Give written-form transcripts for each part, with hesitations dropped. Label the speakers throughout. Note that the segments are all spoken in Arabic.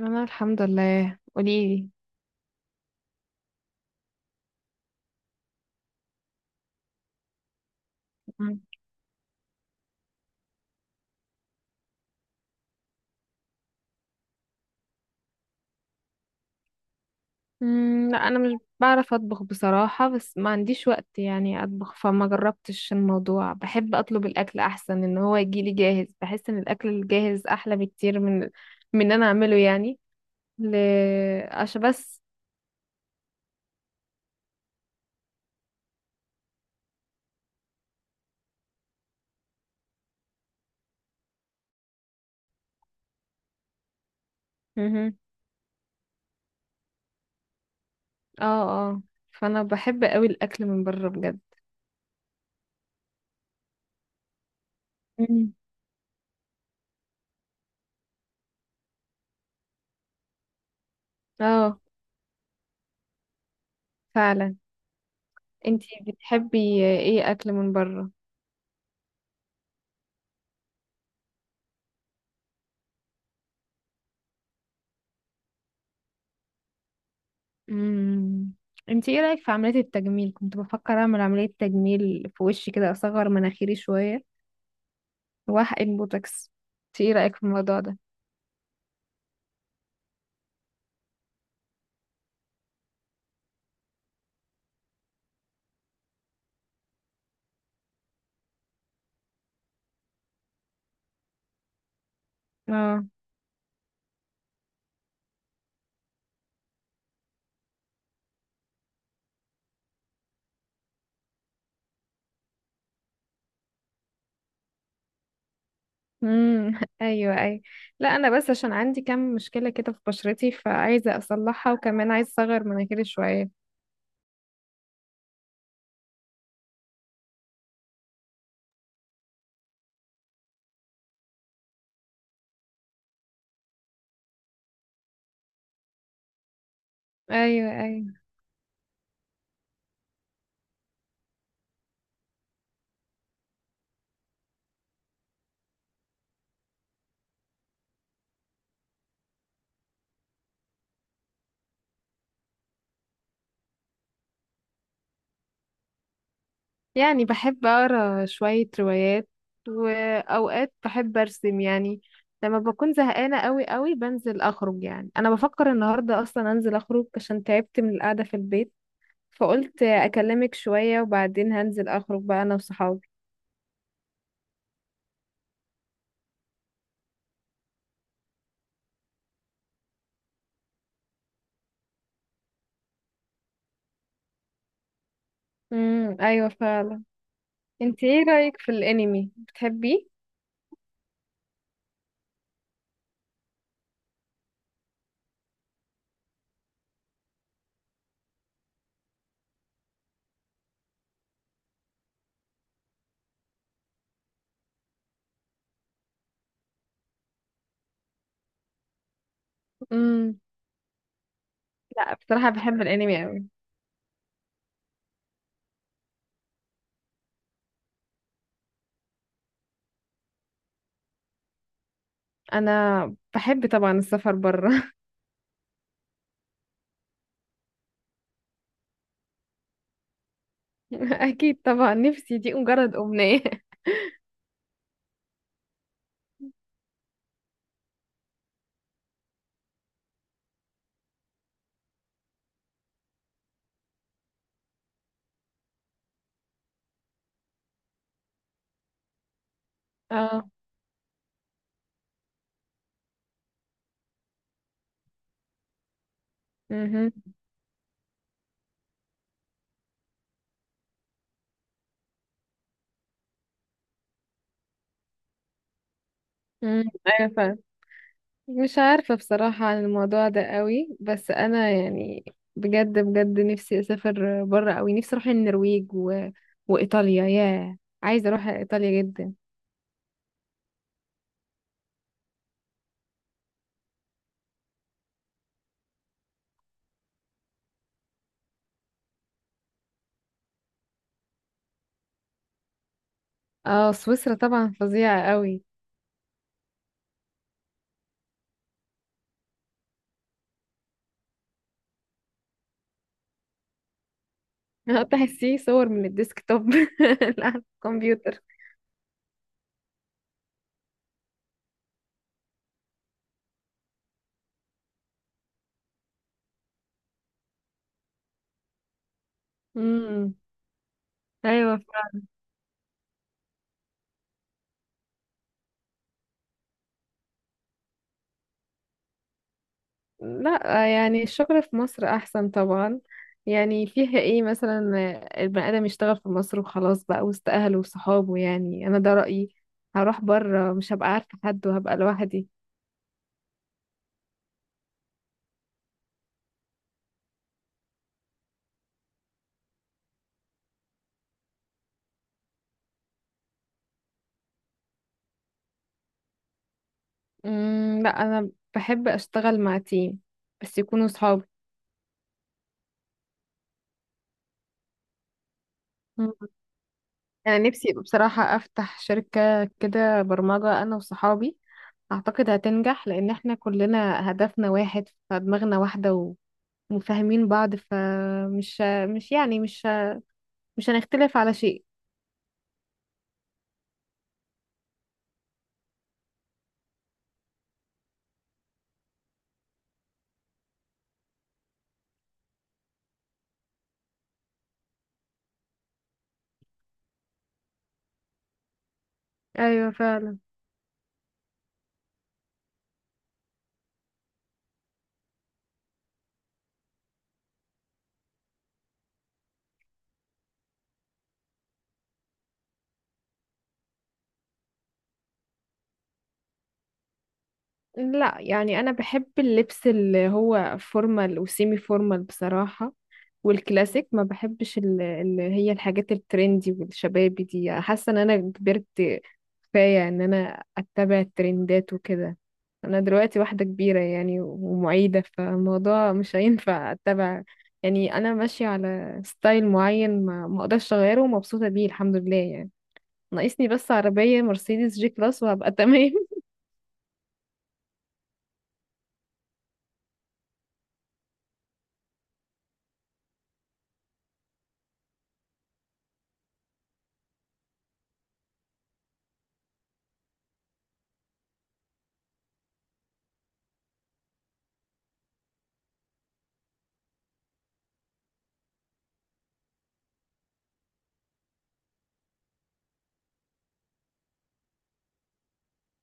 Speaker 1: انا الحمد لله. قوليلي. لا، انا مش بعرف اطبخ بصراحة، بس ما عنديش وقت يعني اطبخ، فما جربتش الموضوع. بحب اطلب الاكل احسن ان هو يجيلي جاهز، بحس ان الاكل الجاهز احلى بكتير من ان انا اعمله يعني. ل عشان بس مهم. اه. اه. فانا بحب قوي الاكل من بره بجد. مم. اه فعلا. انتي بتحبي ايه اكل من بره؟ امم انت ايه رايك في عمليه التجميل؟ كنت بفكر اعمل عمليه تجميل في وشي كده، اصغر مناخيري شويه واحقن بوتوكس. انت ايه رايك في الموضوع ده؟ اه. ايوه، ايوه، لا انا بس عشان عندي كام مشكله كده في بشرتي فعايزه اصلحها، وكمان عايزه اصغر مناخيري شويه. ايوه، ايوه. يعني بحب أقرأ شوية روايات، وأوقات بحب أرسم يعني. لما بكون زهقانة قوي قوي بنزل أخرج. يعني أنا بفكر النهاردة أصلا أنزل أخرج عشان تعبت من القعدة في البيت، فقلت أكلمك شوية وبعدين هنزل أخرج بقى أنا وصحابي. امم، أيوة فعلا. انت ايه رأيك في الأنمي، بتحبيه؟ امم لا بصراحة بحب الأنمي قوي. أنا بحب طبعا السفر برا. أكيد طبعا، نفسي، دي مجرد أمنية. اه. مهم. امم، ايوه فاهم. مش عارفة بصراحة عن الموضوع ده قوي، بس انا يعني بجد بجد نفسي اسافر بره قوي. نفسي اروح النرويج وايطاليا. ياه، عايزة اروح ايطاليا جدا. اه سويسرا طبعا فظيعة قوي. تحسيه صور من الديسك توب على الكمبيوتر. امم، ايوه. لا يعني الشغل في مصر احسن طبعا. يعني فيها ايه مثلا البني ادم يشتغل في مصر وخلاص، بقى وسط اهله وصحابه. يعني انا ده رأيي. هروح بره مش هبقى عارفة حد وهبقى لوحدي. لا انا بحب اشتغل مع تيم، بس يكونوا صحابي. مم. انا نفسي بصراحة افتح شركة كده برمجة انا وصحابي. اعتقد هتنجح لان احنا كلنا هدفنا واحد، فدماغنا واحدة وفاهمين بعض، فمش مش يعني مش مش هنختلف على شيء. ايوه فعلا. لا يعني انا بحب اللبس اللي هو فورمال وسيمي فورمال بصراحة، والكلاسيك. ما بحبش اللي هي الحاجات الترندي والشبابي دي. حاسة ان انا كبرت كفاية ان انا اتبع الترندات وكده. انا دلوقتي واحدة كبيرة يعني ومعيدة، فالموضوع مش هينفع اتبع. يعني انا ماشية على ستايل معين، ما اقدرش اغيره، ومبسوطة بيه الحمد لله يعني. ناقصني بس عربية مرسيدس جي كلاس وهبقى تمام.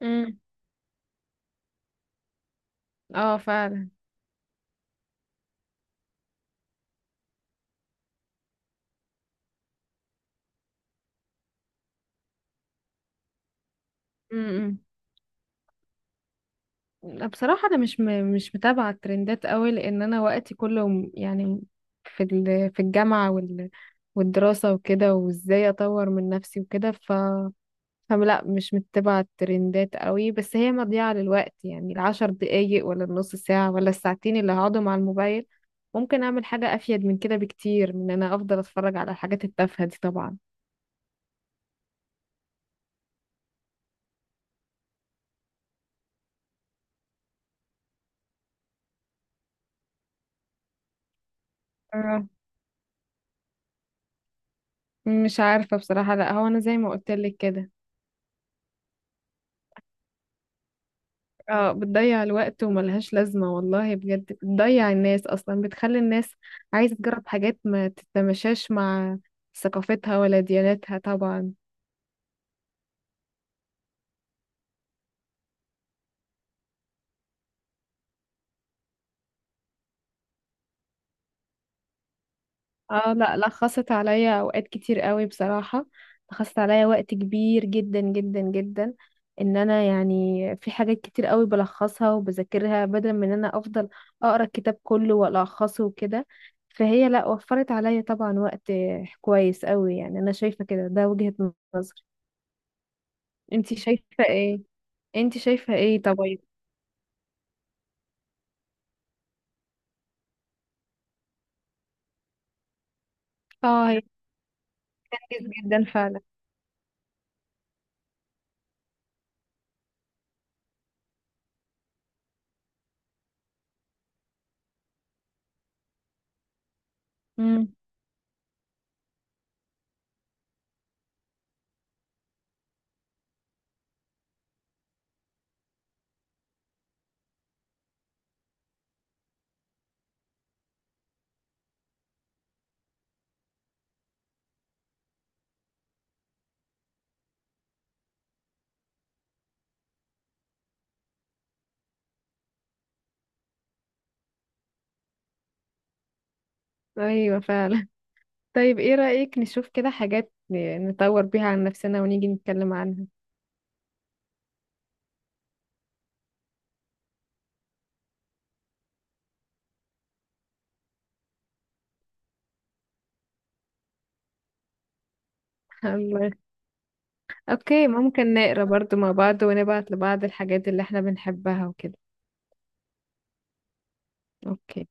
Speaker 1: امم. اه فعلا. امم، بصراحة انا مش متابعة الترندات قوي، لان انا وقتي كله يعني في الجامعة والدراسة وكده، وازاي اطور من نفسي وكده. فلا مش متبعة الترندات قوي. بس هي مضيعة للوقت. يعني العشر دقايق ولا النص ساعة ولا الساعتين اللي هقعدهم على الموبايل ممكن اعمل حاجة افيد من كده بكتير من ان انا افضل اتفرج على الحاجات التافهة دي طبعا. آه، مش عارفة بصراحة، لا هو انا زي ما قلت لك كده. اه، بتضيع الوقت وملهاش لازمة والله بجد. بتضيع الناس أصلا، بتخلي الناس عايزة تجرب حاجات ما تتماشاش مع ثقافتها ولا دياناتها طبعا. اه لا لا، خاصت عليا أوقات كتير قوي بصراحة. خاصت عليا وقت كبير جدا جدا جدا. ان انا يعني في حاجات كتير قوي بلخصها وبذاكرها بدل من ان انا افضل اقرا الكتاب كله والخصه وكده. فهي لا، وفرت عليا طبعا وقت كويس قوي يعني. انا شايفة كده، ده وجهة نظري. انتي شايفة ايه؟ انتي شايفة ايه طيب؟ اه هي بتنجز جدا فعلا. امم، ايوه فعلا. طيب ايه رأيك نشوف كده حاجات نطور بيها عن نفسنا ونيجي نتكلم عنها. الله يخ- اوكي، ممكن نقرا برضو مع بعض ونبعت لبعض الحاجات اللي احنا بنحبها وكده. اوكي.